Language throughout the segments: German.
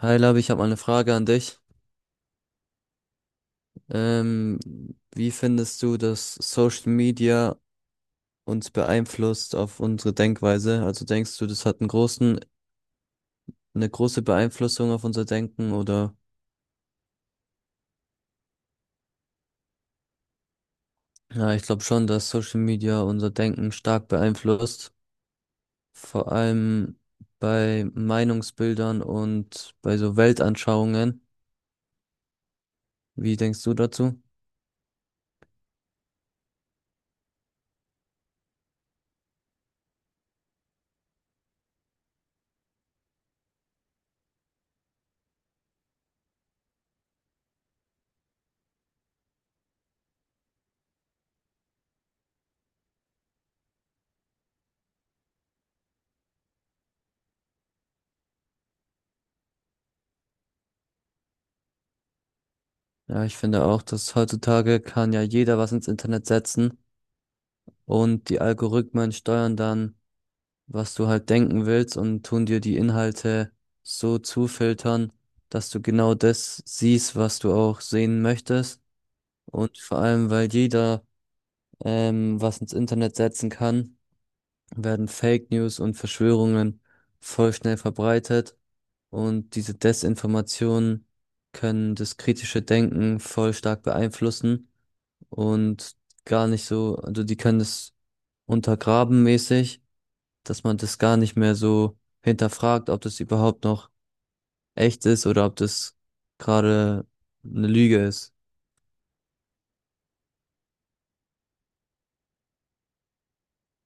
Hi Labi, ich habe mal eine Frage an dich. Ähm, Wie findest du, dass Social Media uns beeinflusst auf unsere Denkweise? Also denkst du, das hat einen großen, eine große Beeinflussung auf unser Denken oder? Ja, ich glaube schon, dass Social Media unser Denken stark beeinflusst. Vor allem bei Meinungsbildern und bei so Weltanschauungen. Wie denkst du dazu? Ja, ich finde auch, dass heutzutage kann ja jeder was ins Internet setzen und die Algorithmen steuern dann, was du halt denken willst, und tun dir die Inhalte so zufiltern, dass du genau das siehst, was du auch sehen möchtest. Und vor allem, weil jeder was ins Internet setzen kann, werden Fake News und Verschwörungen voll schnell verbreitet, und diese Desinformationen können das kritische Denken voll stark beeinflussen, und gar nicht so, also die können es untergraben mäßig, dass man das gar nicht mehr so hinterfragt, ob das überhaupt noch echt ist oder ob das gerade eine Lüge ist.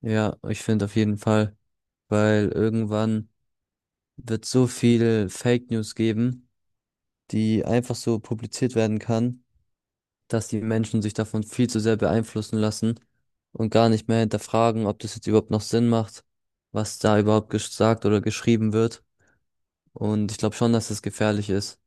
Ja, ich finde auf jeden Fall, weil irgendwann wird so viel Fake News geben, die einfach so publiziert werden kann, dass die Menschen sich davon viel zu sehr beeinflussen lassen und gar nicht mehr hinterfragen, ob das jetzt überhaupt noch Sinn macht, was da überhaupt gesagt oder geschrieben wird. Und ich glaube schon, dass das gefährlich ist.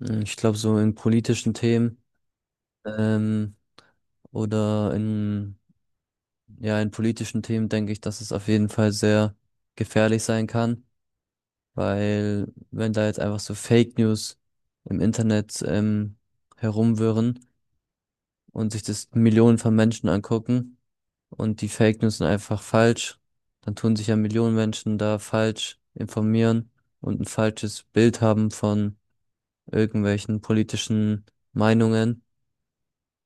Hm, ich glaube, so in politischen Themen, ähm, oder in, ja, in politischen Themen denke ich, dass es auf jeden Fall sehr gefährlich sein kann, weil wenn da jetzt einfach so Fake News im Internet herumwirren und sich das Millionen von Menschen angucken und die Fake News sind einfach falsch, dann tun sich ja Millionen Menschen da falsch informieren und ein falsches Bild haben von irgendwelchen politischen Meinungen.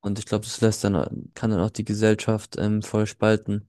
Und ich glaube, das lässt dann, kann dann auch die Gesellschaft voll spalten.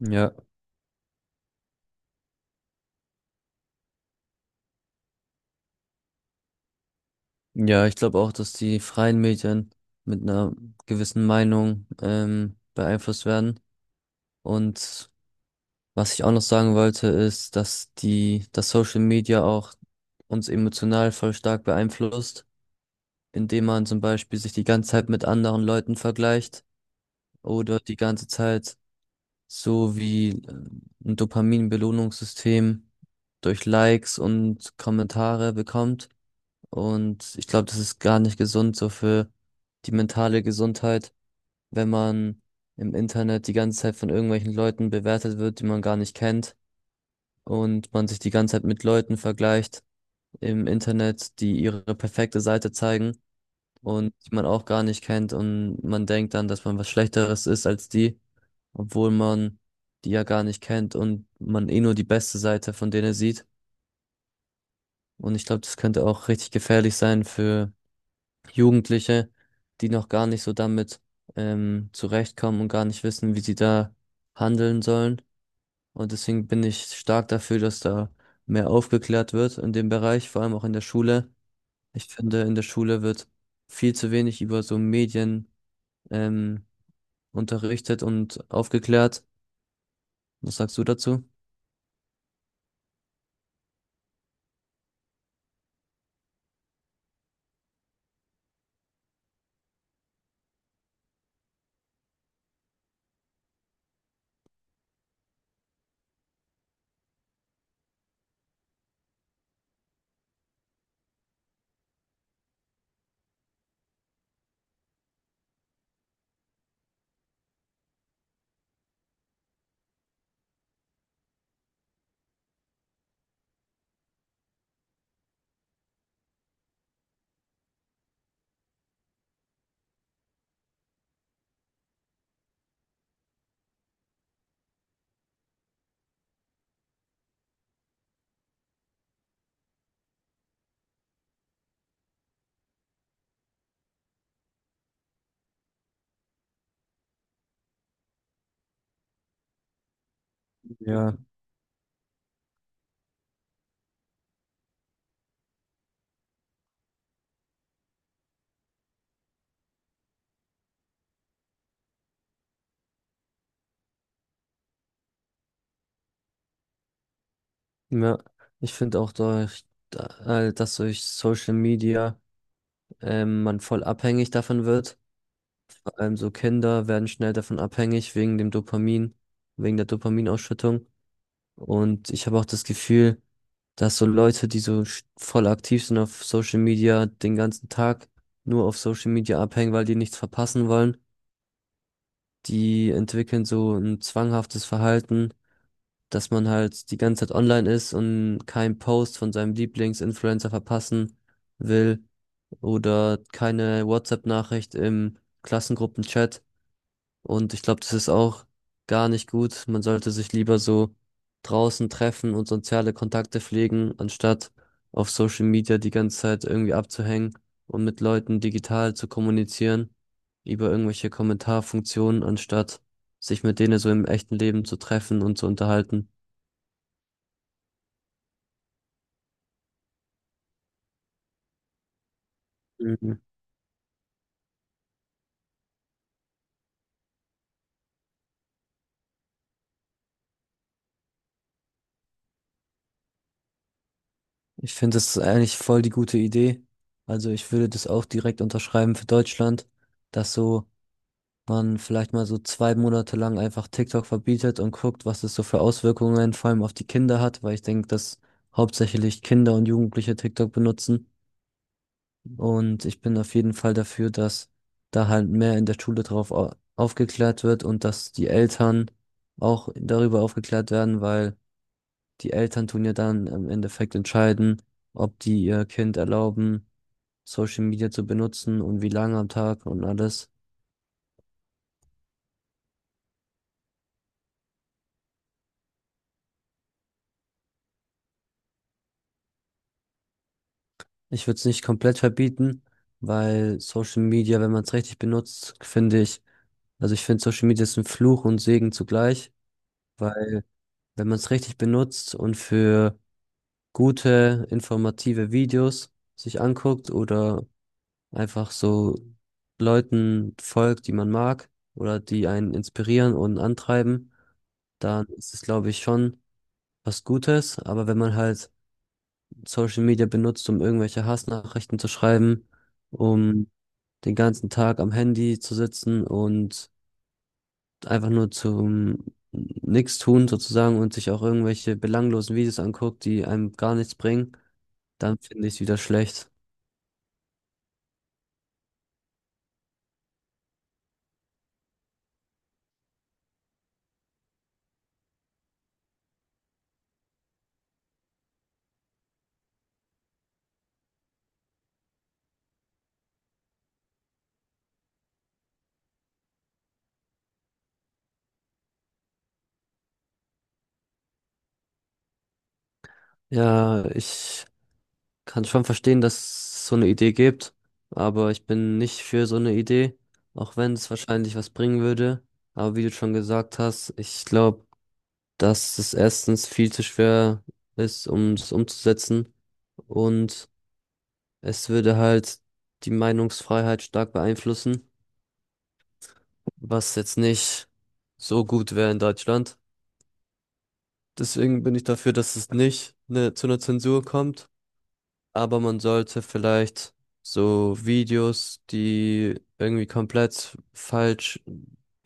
Ja. Ja, ich glaube auch, dass die freien Medien mit einer gewissen Meinung beeinflusst werden. Und was ich auch noch sagen wollte, ist, dass die, dass Social Media auch uns emotional voll stark beeinflusst, indem man zum Beispiel sich die ganze Zeit mit anderen Leuten vergleicht oder die ganze Zeit so wie ein Dopamin-Belohnungssystem durch Likes und Kommentare bekommt. Und ich glaube, das ist gar nicht gesund so für die mentale Gesundheit, wenn man im Internet die ganze Zeit von irgendwelchen Leuten bewertet wird, die man gar nicht kennt, und man sich die ganze Zeit mit Leuten vergleicht im Internet, die ihre perfekte Seite zeigen und die man auch gar nicht kennt, und man denkt dann, dass man was Schlechteres ist als die, obwohl man die ja gar nicht kennt und man eh nur die beste Seite von denen sieht. Und ich glaube, das könnte auch richtig gefährlich sein für Jugendliche, die noch gar nicht so damit zurechtkommen und gar nicht wissen, wie sie da handeln sollen. Und deswegen bin ich stark dafür, dass da mehr aufgeklärt wird in dem Bereich, vor allem auch in der Schule. Ich finde, in der Schule wird viel zu wenig über so Medien ähm, unterrichtet und aufgeklärt. Was sagst du dazu? Ja, ja. Ich finde auch, durch, dass durch Social Media man voll abhängig davon wird. So Kinder werden schnell davon abhängig wegen dem Dopamin, wegen der Dopaminausschüttung. Und ich habe auch das Gefühl, dass so Leute, die voll aktiv sind auf Social Media, den ganzen Tag nur auf Social Media abhängen, weil die nichts verpassen wollen, die entwickeln so ein zwanghaftes Verhalten, dass man halt die ganze Zeit online ist und keinen Post von seinem Lieblingsinfluencer verpassen will oder keine WhatsApp-Nachricht im Klassenchat. Und ich glaube, das ist auch gar nicht gut. Man sollte sich lieber so draußen treffen und soziale Kontakte pflegen, anstatt auf Social Media die ganze Zeit irgendwie abzuhängen und mit Leuten digital zu kommunizieren über irgendwelche Kommentarfunktionen, anstatt sich mit denen so im echten Leben zu treffen und zu unterhalten. Mhm. Ich finde, das ist eigentlich voll die gute Idee. Also ich würde das auch direkt unterschreiben für Deutschland, dass so man vielleicht mal so 2 Monate lang einfach TikTok verbietet und guckt, was es so für Auswirkungen vor allem auf die Kinder hat, weil ich denke, dass hauptsächlich Kinder und Jugendliche TikTok benutzen. Und ich bin auf jeden Fall dafür, dass da halt mehr in der Schule aufgeklärt wird und dass die Eltern auch darüber aufgeklärt werden, weil die Eltern tun ja dann im Endeffekt entscheiden, ob die ihr Kind erlauben, Social Media zu benutzen und wie lange am Tag und alles. Ich würde es nicht komplett verbieten, weil Social Media, wenn man es richtig benutzt, finde ich, also ich finde Social Media ist ein Fluch und Segen zugleich, weil wenn man es richtig benutzt und für gute, informative Videos sich anguckt oder einfach so Leuten folgt, die man mag oder die einen inspirieren und antreiben, dann ist es, glaube ich, schon was Gutes. Aber wenn man halt Social Media benutzt, um irgendwelche Hassnachrichten zu schreiben, um den ganzen Tag am Handy zu sitzen und einfach nur zum nichts tun sozusagen und sich auch irgendwelche belanglosen Videos anguckt, die einem gar nichts bringen, dann finde ich es wieder schlecht. Ja, ich kann schon verstehen, dass es so eine Idee gibt, aber ich bin nicht für so eine Idee, auch wenn es wahrscheinlich was bringen würde. Aber wie du schon gesagt hast, ich glaube, dass es erstens viel zu schwer ist, um es umzusetzen, und es würde halt die Meinungsfreiheit stark beeinflussen, was jetzt nicht so gut wäre in Deutschland. Deswegen bin ich dafür, dass es nicht zu einer Zensur kommt, aber man sollte vielleicht so Videos, die irgendwie komplett falsch,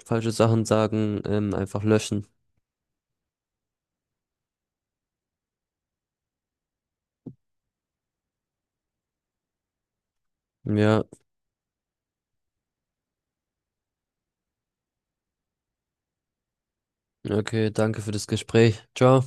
falsche Sachen sagen, einfach löschen. Ja, okay, danke für das Gespräch. Ciao.